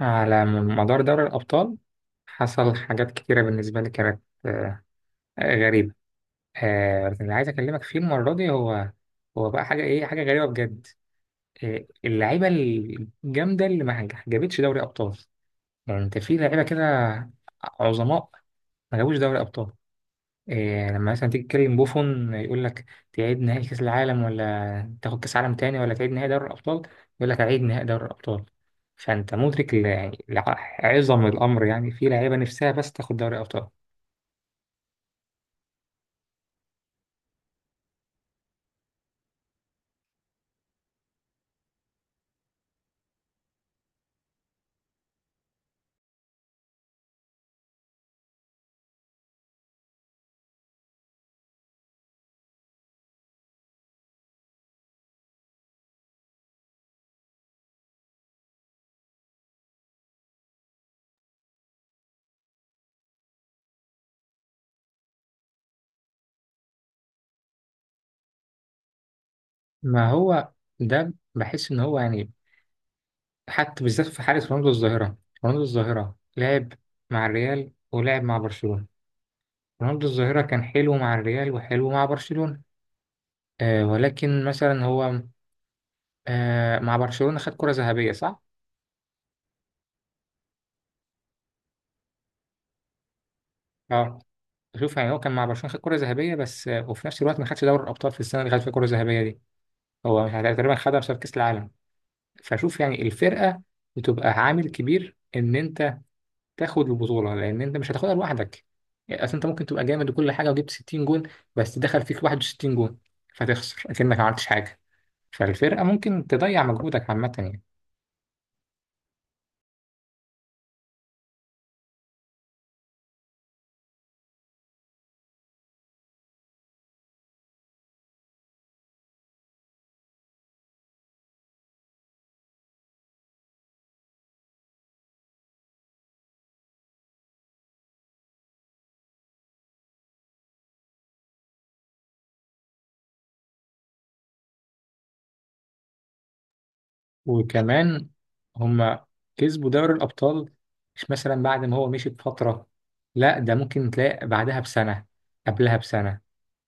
على مدار دوري الأبطال حصل حاجات كتيرة بالنسبة لي كانت غريبة. اللي عايز أكلمك فيه المرة دي هو هو بقى حاجة إيه، حاجة غريبة بجد. اللعيبة الجامدة اللي ما جابتش دوري أبطال، يعني أنت في لعيبة كده عظماء ما جابوش دوري أبطال. إيه لما مثلا تيجي تكلم بوفون يقول لك تعيد نهائي كأس العالم، ولا تاخد كأس عالم تاني، ولا تعيد نهائي دوري الأبطال؟ يقول لك أعيد نهائي دوري الأبطال. فأنت مدرك يعني لعظم الأمر، يعني في لعيبة نفسها بس تاخد دوري أبطال. ما هو ده، بحس إن هو يعني حتى بالذات في حالة رونالدو الظاهرة. رونالدو الظاهرة لعب مع الريال ولعب مع برشلونة. رونالدو الظاهرة كان حلو مع الريال وحلو مع برشلونة، ولكن مثلا هو مع برشلونة خد كرة ذهبية، صح؟ اه، شوف يعني هو كان مع برشلونة خد كرة ذهبية بس، وفي نفس الوقت ما خدش دوري الأبطال في السنة اللي خد فيها كرة ذهبية دي. هو تقريبا خدها بسبب كأس العالم. فشوف يعني الفرقة بتبقى عامل كبير إن أنت تاخد البطولة، لأن أنت مش هتاخدها لوحدك. يعني أصل أنت ممكن تبقى جامد وكل حاجة وجبت 60 جون، بس دخل فيك 61 جون، فتخسر أكنك ما عملتش حاجة. فالفرقة ممكن تضيع مجهودك عامة يعني. وكمان هما كسبوا دوري الأبطال مش مثلا بعد ما هو مشي بفترة، لا، ده ممكن تلاقي بعدها بسنة، قبلها بسنة.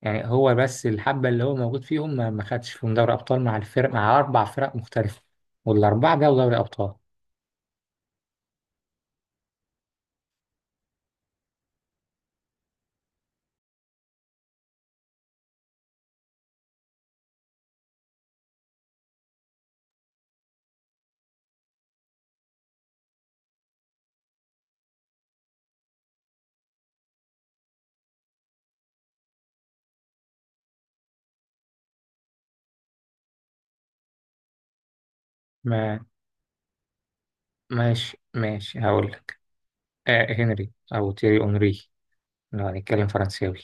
يعني هو بس الحبة اللي هو موجود فيهم ما خدش فيهم دوري أبطال، مع الفرق، مع أربع فرق مختلفة، والأربعة جابوا دوري أبطال. ما ماشي ماشي، هقول لك. هنري أو تيري أونري، لو هنتكلم فرنساوي،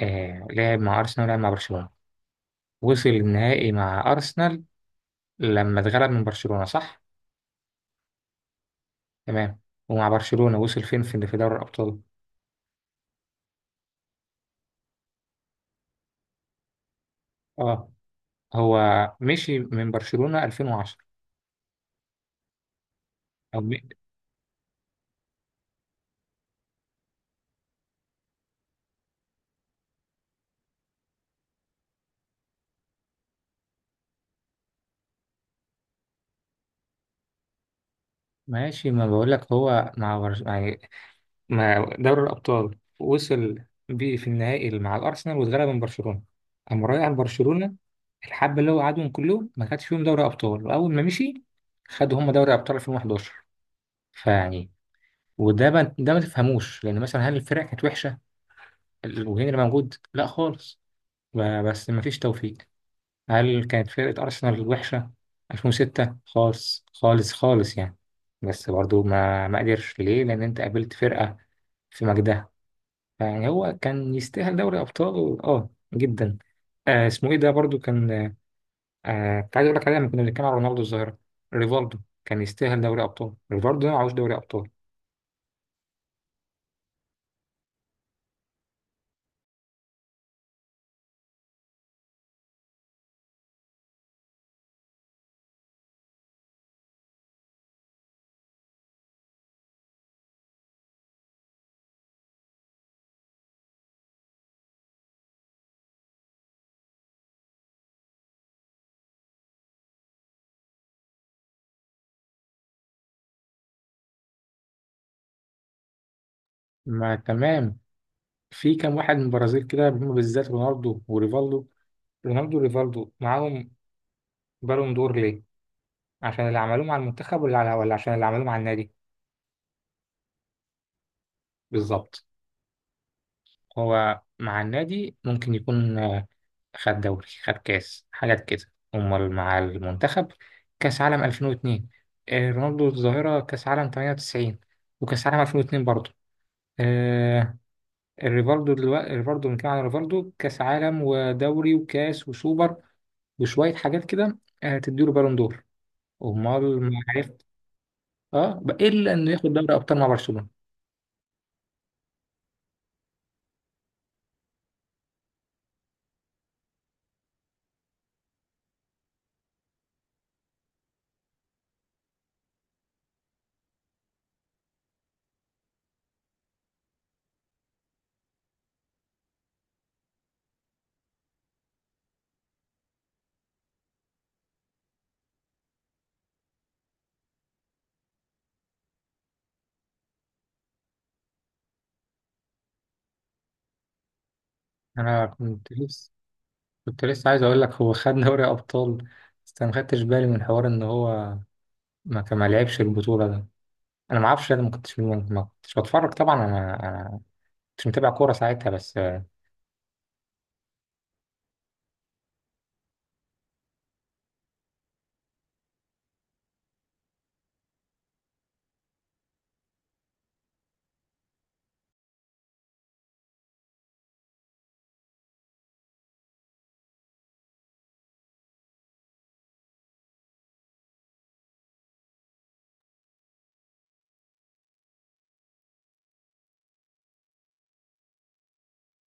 لعب مع أرسنال ولعب مع برشلونة. وصل النهائي مع أرسنال لما اتغلب من برشلونة، صح؟ تمام. ومع برشلونة وصل فين، في دوري الأبطال؟ اه، هو مشي من برشلونة 2010. أو م- ماشي، ما بقول لك، هو يعني مع دوري الأبطال وصل بيه في النهائي مع الأرسنال واتغلب من برشلونة. أما رايح برشلونة، الحبة اللي هو قعدهم كلهم ما خدش فيهم دوري أبطال، وأول ما مشي خدوا هم دوري أبطال 2011. فيعني، وده ما... ده ما تفهموش، لأن مثلا هل الفرق كانت وحشة وهنري موجود؟ لا خالص. بس ما فيش توفيق. هل كانت فرقة أرسنال وحشة 2006؟ خالص خالص خالص يعني، بس برضو ما قدرش، ليه؟ لأن أنت قابلت فرقة في مجدها. يعني هو كان يستاهل دوري أبطال جدا. اسمه إيه ده برضو، كان كنت عايز أقول لك عليه لما كنا بنتكلم على رونالدو الظاهرة، ريفالدو. كان يستاهل دوري أبطال ريفالدو، ده معهوش دوري أبطال. ما تمام. في كام واحد من البرازيل كده هم بالذات رونالدو وريفالدو. رونالدو وريفالدو معاهم بالون دور ليه؟ عشان اللي عملوه مع المنتخب ولا ولا عشان اللي عملوه مع النادي؟ بالظبط. هو مع النادي ممكن يكون خد دوري، خد كاس، حاجات كده. امال مع المنتخب، كاس عالم 2002. رونالدو الظاهرة كاس عالم 98 وكاس عالم 2002 برضه. آه، الريفالدو، دلوقتي الريفالدو بنتكلم عن الريفالدو، كاس عالم ودوري وكاس وسوبر وشوية حاجات كده، تديله بالون دور. امال ما عرفت؟ اه، بقى الا انه ياخد دوري ابطال مع برشلونة. انا كنت لسه كنت لسه عايز اقول لك هو خد دوري ابطال، بس انا ما خدتش بالي من حوار ان هو ما لعبش البطوله ده. انا ما اعرفش، انا ما كنتش بتفرج طبعا. انا كنتش متابع كوره ساعتها بس،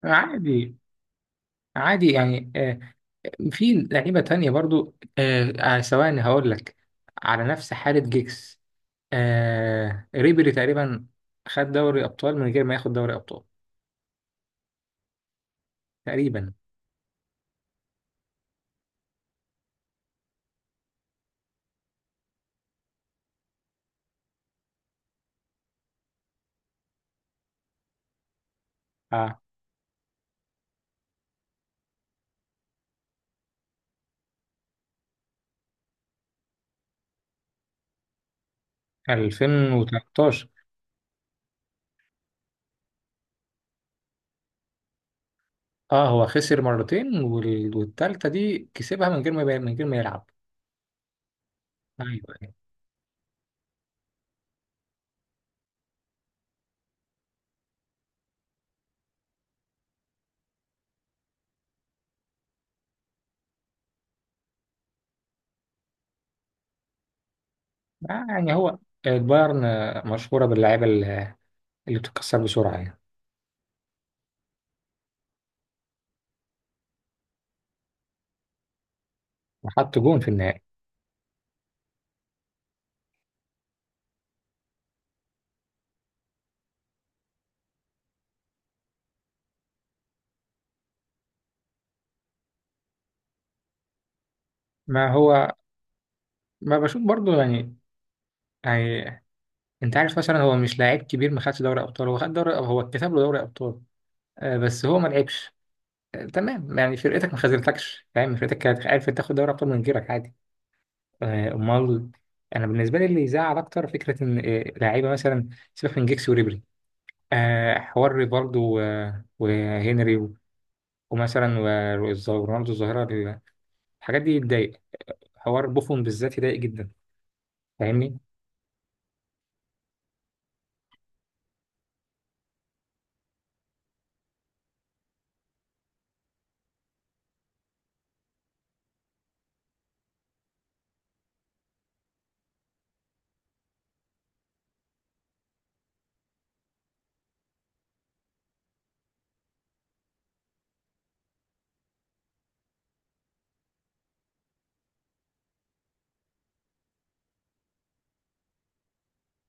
عادي عادي يعني، في لعيبه تانية برضو، ثواني هقول لك، على نفس حاله جيكس، ريبيري تقريبا خد دوري ابطال من غير ما ياخد دوري ابطال تقريبا، آه، 2013. اه، هو خسر مرتين، والتالتة دي كسبها من غير ما من غير ما يلعب. ايوه أيوة. يعني هو البايرن مشهورة باللعيبة اللي بتتكسر بسرعة يعني. وحط جون في النهائي. ما هو، ما بشوف برضو يعني، يعني انت عارف مثلا هو مش لاعب كبير ما خدش دوري ابطال، هو خد دوري، هو اتكتب له دوري ابطال، بس هو ما لعبش. تمام يعني، فرقتك ما خذلتكش فاهم، فرقتك كانت عارفة تاخد دوري ابطال من غيرك عادي. امال، انا بالنسبة لي اللي يزعل اكتر فكرة ان لعيبة مثلا، سيبك من جيكس وريبري، حوار ريفالدو وهنري ومثلا ورونالدو الظاهرة، الحاجات دي بتضايق. حوار بوفون بالذات يضايق جدا. فاهمني؟